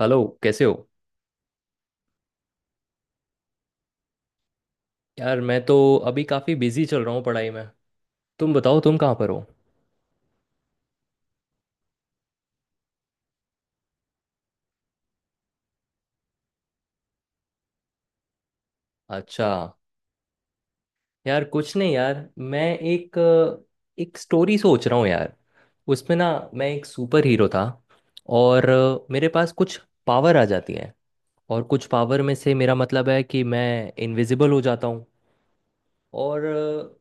Hello, कैसे हो? यार मैं तो अभी काफ़ी बिजी चल रहा हूँ पढ़ाई में। तुम बताओ, तुम कहाँ पर हो? अच्छा। यार कुछ नहीं यार, मैं एक एक स्टोरी सोच रहा हूँ यार। उसमें ना मैं एक सुपर हीरो था। और मेरे पास कुछ पावर आ जाती है। और कुछ पावर में से मेरा मतलब है कि मैं इनविजिबल हो जाता हूँ। और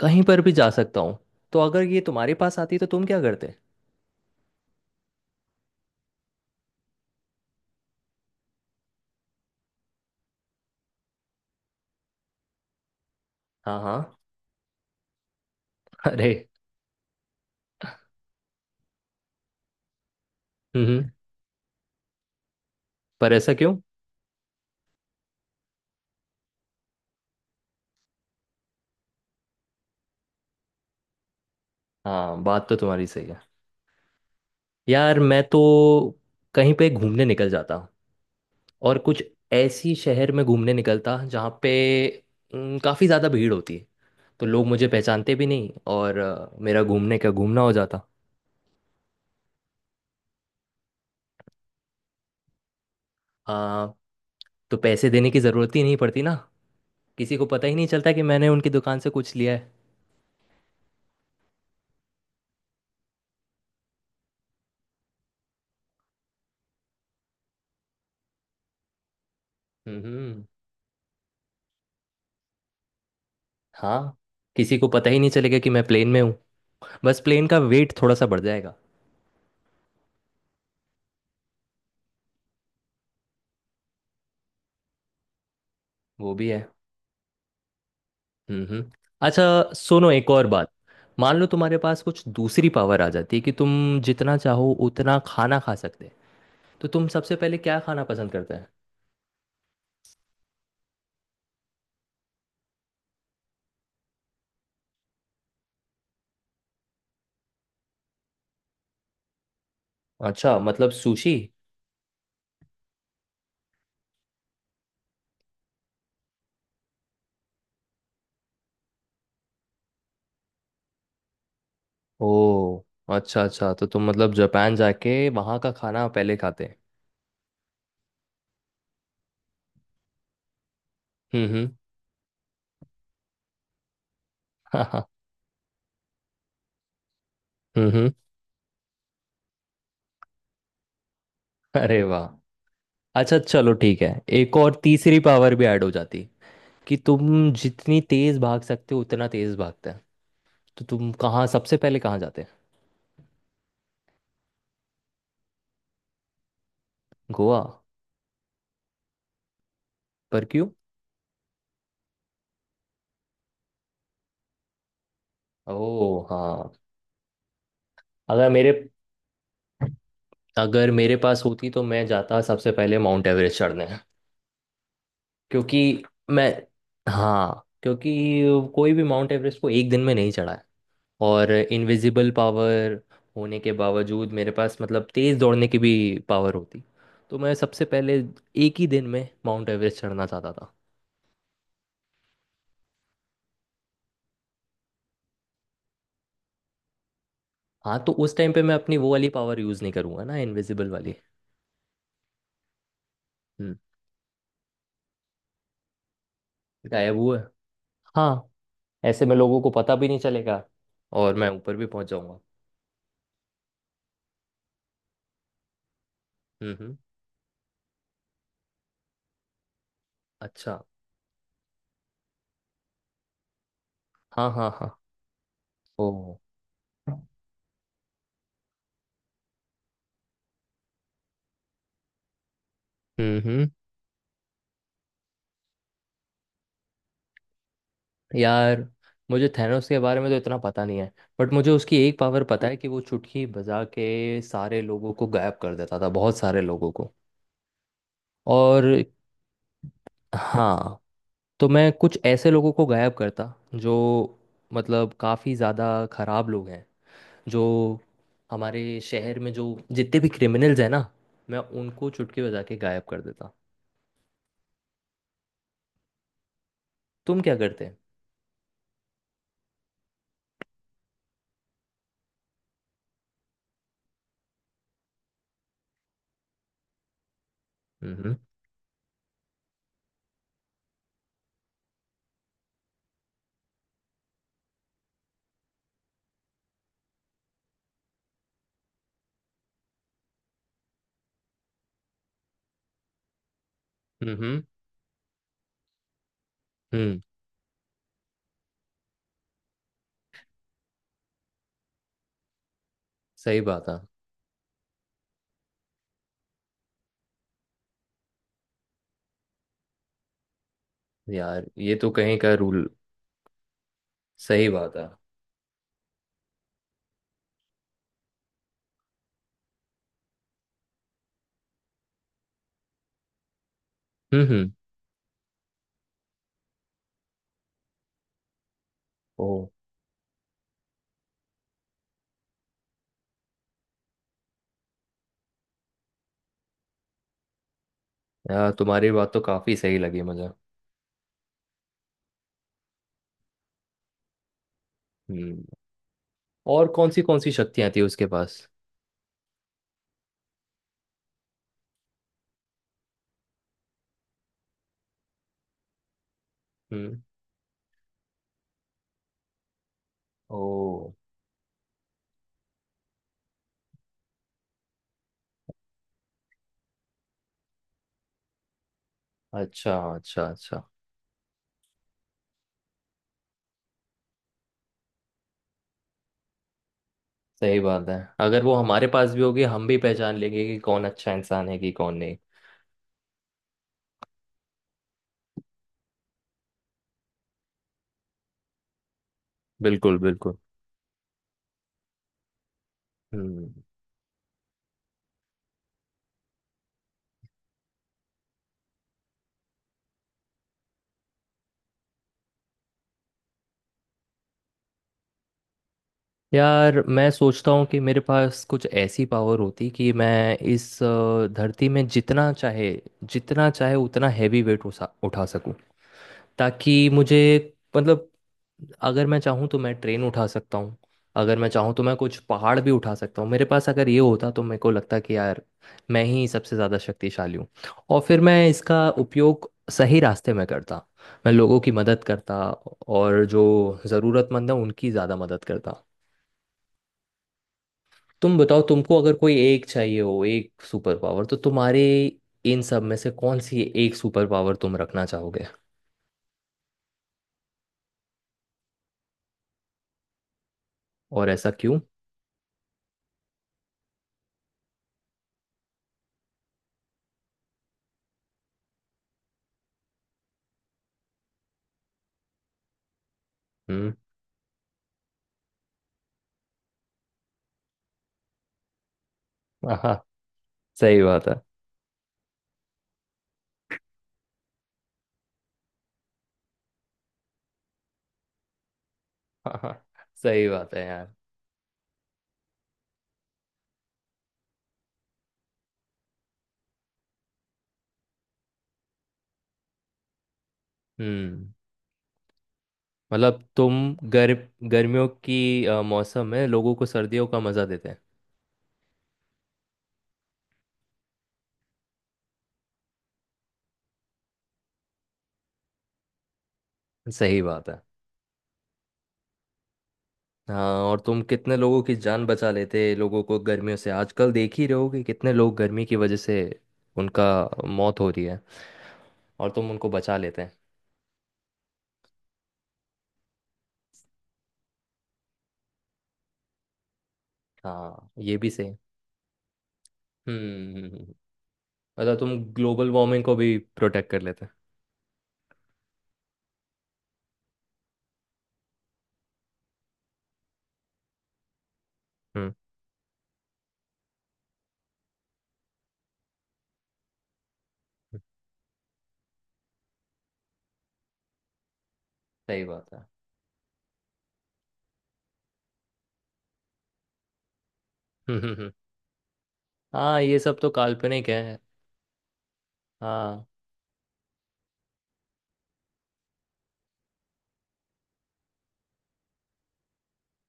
कहीं पर भी जा सकता हूँ। तो अगर ये तुम्हारे पास आती तो तुम क्या करते? हाँ हाँ। अरे। हम्म। पर ऐसा क्यों? हाँ, बात तो तुम्हारी सही है। यार मैं तो कहीं पे घूमने निकल जाता, और कुछ ऐसी शहर में घूमने निकलता जहाँ पे काफ़ी ज़्यादा भीड़ होती है। तो लोग मुझे पहचानते भी नहीं, और मेरा घूमने का घूमना हो जाता। आ, तो पैसे देने की ज़रूरत ही नहीं पड़ती ना। किसी को पता ही नहीं चलता कि मैंने उनकी दुकान से कुछ लिया है। हम्म। हाँ, किसी को पता ही नहीं चलेगा कि मैं प्लेन में हूँ। बस प्लेन का वेट थोड़ा सा बढ़ जाएगा। वो भी है। हम्म। अच्छा, सुनो एक और बात। मान लो तुम्हारे पास कुछ दूसरी पावर आ जाती है कि तुम जितना चाहो उतना खाना खा सकते, तो तुम सबसे पहले क्या खाना पसंद करते हैं? अच्छा, मतलब सुशी। ओ, अच्छा अच्छा, तो तुम मतलब जापान जाके वहाँ का खाना पहले खाते हैं। हम्म। हाँ हाँ, हम्म। अरे वाह, अच्छा चलो ठीक है। एक और तीसरी पावर भी ऐड हो जाती कि तुम जितनी तेज भाग सकते हो उतना तेज भागते हैं, तो तुम कहाँ सबसे पहले कहाँ जाते हैं? गोवा, पर क्यों? ओह हाँ। अगर मेरे अगर मेरे पास होती तो मैं जाता सबसे पहले माउंट एवरेस्ट चढ़ने। क्योंकि मैं, हाँ, क्योंकि कोई भी माउंट एवरेस्ट को एक दिन में नहीं चढ़ा है। और इनविजिबल पावर होने के बावजूद मेरे पास, मतलब तेज़ दौड़ने की भी पावर होती, तो मैं सबसे पहले एक ही दिन में माउंट एवरेस्ट चढ़ना चाहता था। हाँ, तो उस टाइम पे मैं अपनी वो वाली पावर यूज़ नहीं करूँगा ना, इनविजिबल वाली। हम्म। गायब हुआ है। हाँ, ऐसे में लोगों को पता भी नहीं चलेगा, और मैं ऊपर भी पहुंच जाऊंगा। हम्म। अच्छा। हाँ हाँ हाँ। ओ। हम्म। यार मुझे थैनोस के बारे में तो इतना पता नहीं है, बट मुझे उसकी एक पावर पता है कि वो चुटकी बजा के सारे लोगों को गायब कर देता था, बहुत सारे लोगों को। और हाँ, तो मैं कुछ ऐसे लोगों को गायब करता जो, मतलब काफ़ी ज़्यादा खराब लोग हैं, जो हमारे शहर में जो जितने भी क्रिमिनल्स हैं ना, मैं उनको चुटकी बजा के गायब कर देता। तुम क्या करते हैं? हम्म हम्म हम्म। सही बात है। यार ये तो कहीं का रूल। सही बात है। हम्म। ओ। यार तुम्हारी बात तो काफी सही लगी मुझे। हम्म। और कौन सी शक्तियां थी उसके पास? हम्म। ओ। अच्छा अच्छा अच्छा। सही बात है, अगर वो हमारे पास भी होगी हम भी पहचान लेंगे कि कौन अच्छा इंसान है कि कौन नहीं। बिल्कुल बिल्कुल। हम्म। यार मैं सोचता हूँ कि मेरे पास कुछ ऐसी पावर होती कि मैं इस धरती में जितना चाहे उतना हैवी वेट उठा उठा सकूँ। ताकि मुझे, मतलब अगर मैं चाहूँ तो मैं ट्रेन उठा सकता हूँ, अगर मैं चाहूँ तो मैं कुछ पहाड़ भी उठा सकता हूँ। मेरे पास अगर ये होता तो मेरे को लगता कि यार मैं ही सबसे ज़्यादा शक्तिशाली हूँ। और फिर मैं इसका उपयोग सही रास्ते में करता, मैं लोगों की मदद करता, और जो ज़रूरतमंद है उनकी ज़्यादा मदद करता। तुम बताओ, तुमको अगर कोई एक चाहिए हो एक सुपर पावर, तो तुम्हारे इन सब में से कौन सी एक सुपर पावर तुम रखना चाहोगे? और ऐसा क्यों? हम्म। आहा। सही बात है। आहा, सही बात है यार। हम्म। मतलब तुम गर गर्मियों की मौसम में लोगों को सर्दियों का मजा देते हैं। सही बात है। हाँ, और तुम कितने लोगों की जान बचा लेते। लोगों को गर्मियों से आजकल देख ही रहे हो कि कितने लोग गर्मी की वजह से उनका मौत हो रही है, और तुम उनको बचा लेते हैं। हाँ, ये भी सही। हम्म हम्म, हम्म। मतलब तुम ग्लोबल वार्मिंग को भी प्रोटेक्ट कर लेते हैं। हम्म हम्म, सही बात है। हम्म हम्म हम्म। हाँ, ये सब तो काल्पनिक है। हाँ।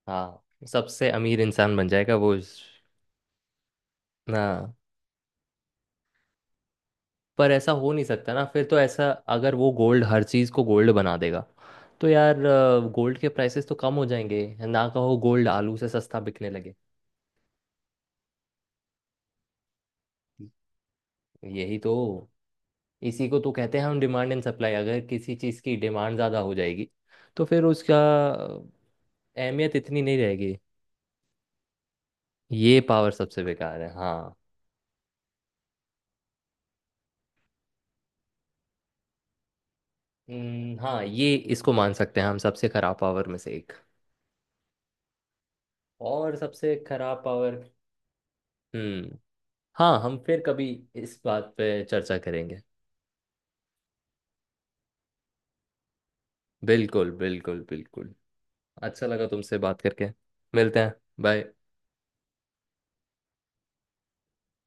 हाँ, सबसे अमीर इंसान बन जाएगा वो इस- हाँ, पर ऐसा हो नहीं सकता ना। फिर तो ऐसा, अगर वो गोल्ड हर चीज़ को गोल्ड बना देगा, तो यार गोल्ड के प्राइसेस तो कम हो जाएंगे ना। कहो गोल्ड आलू से सस्ता बिकने लगे। यही तो, इसी को तो कहते हैं हम डिमांड एंड सप्लाई। अगर किसी चीज़ की डिमांड ज़्यादा हो जाएगी तो फिर उसका अहमियत इतनी नहीं रहेगी। ये पावर सबसे बेकार है, हाँ। हाँ, ये इसको मान सकते हैं हम सबसे खराब पावर में से एक। और सबसे खराब पावर, हम्म, हाँ, हम फिर कभी इस बात पे चर्चा करेंगे। बिल्कुल बिल्कुल बिल्कुल। अच्छा लगा तुमसे बात करके। मिलते हैं। बाय।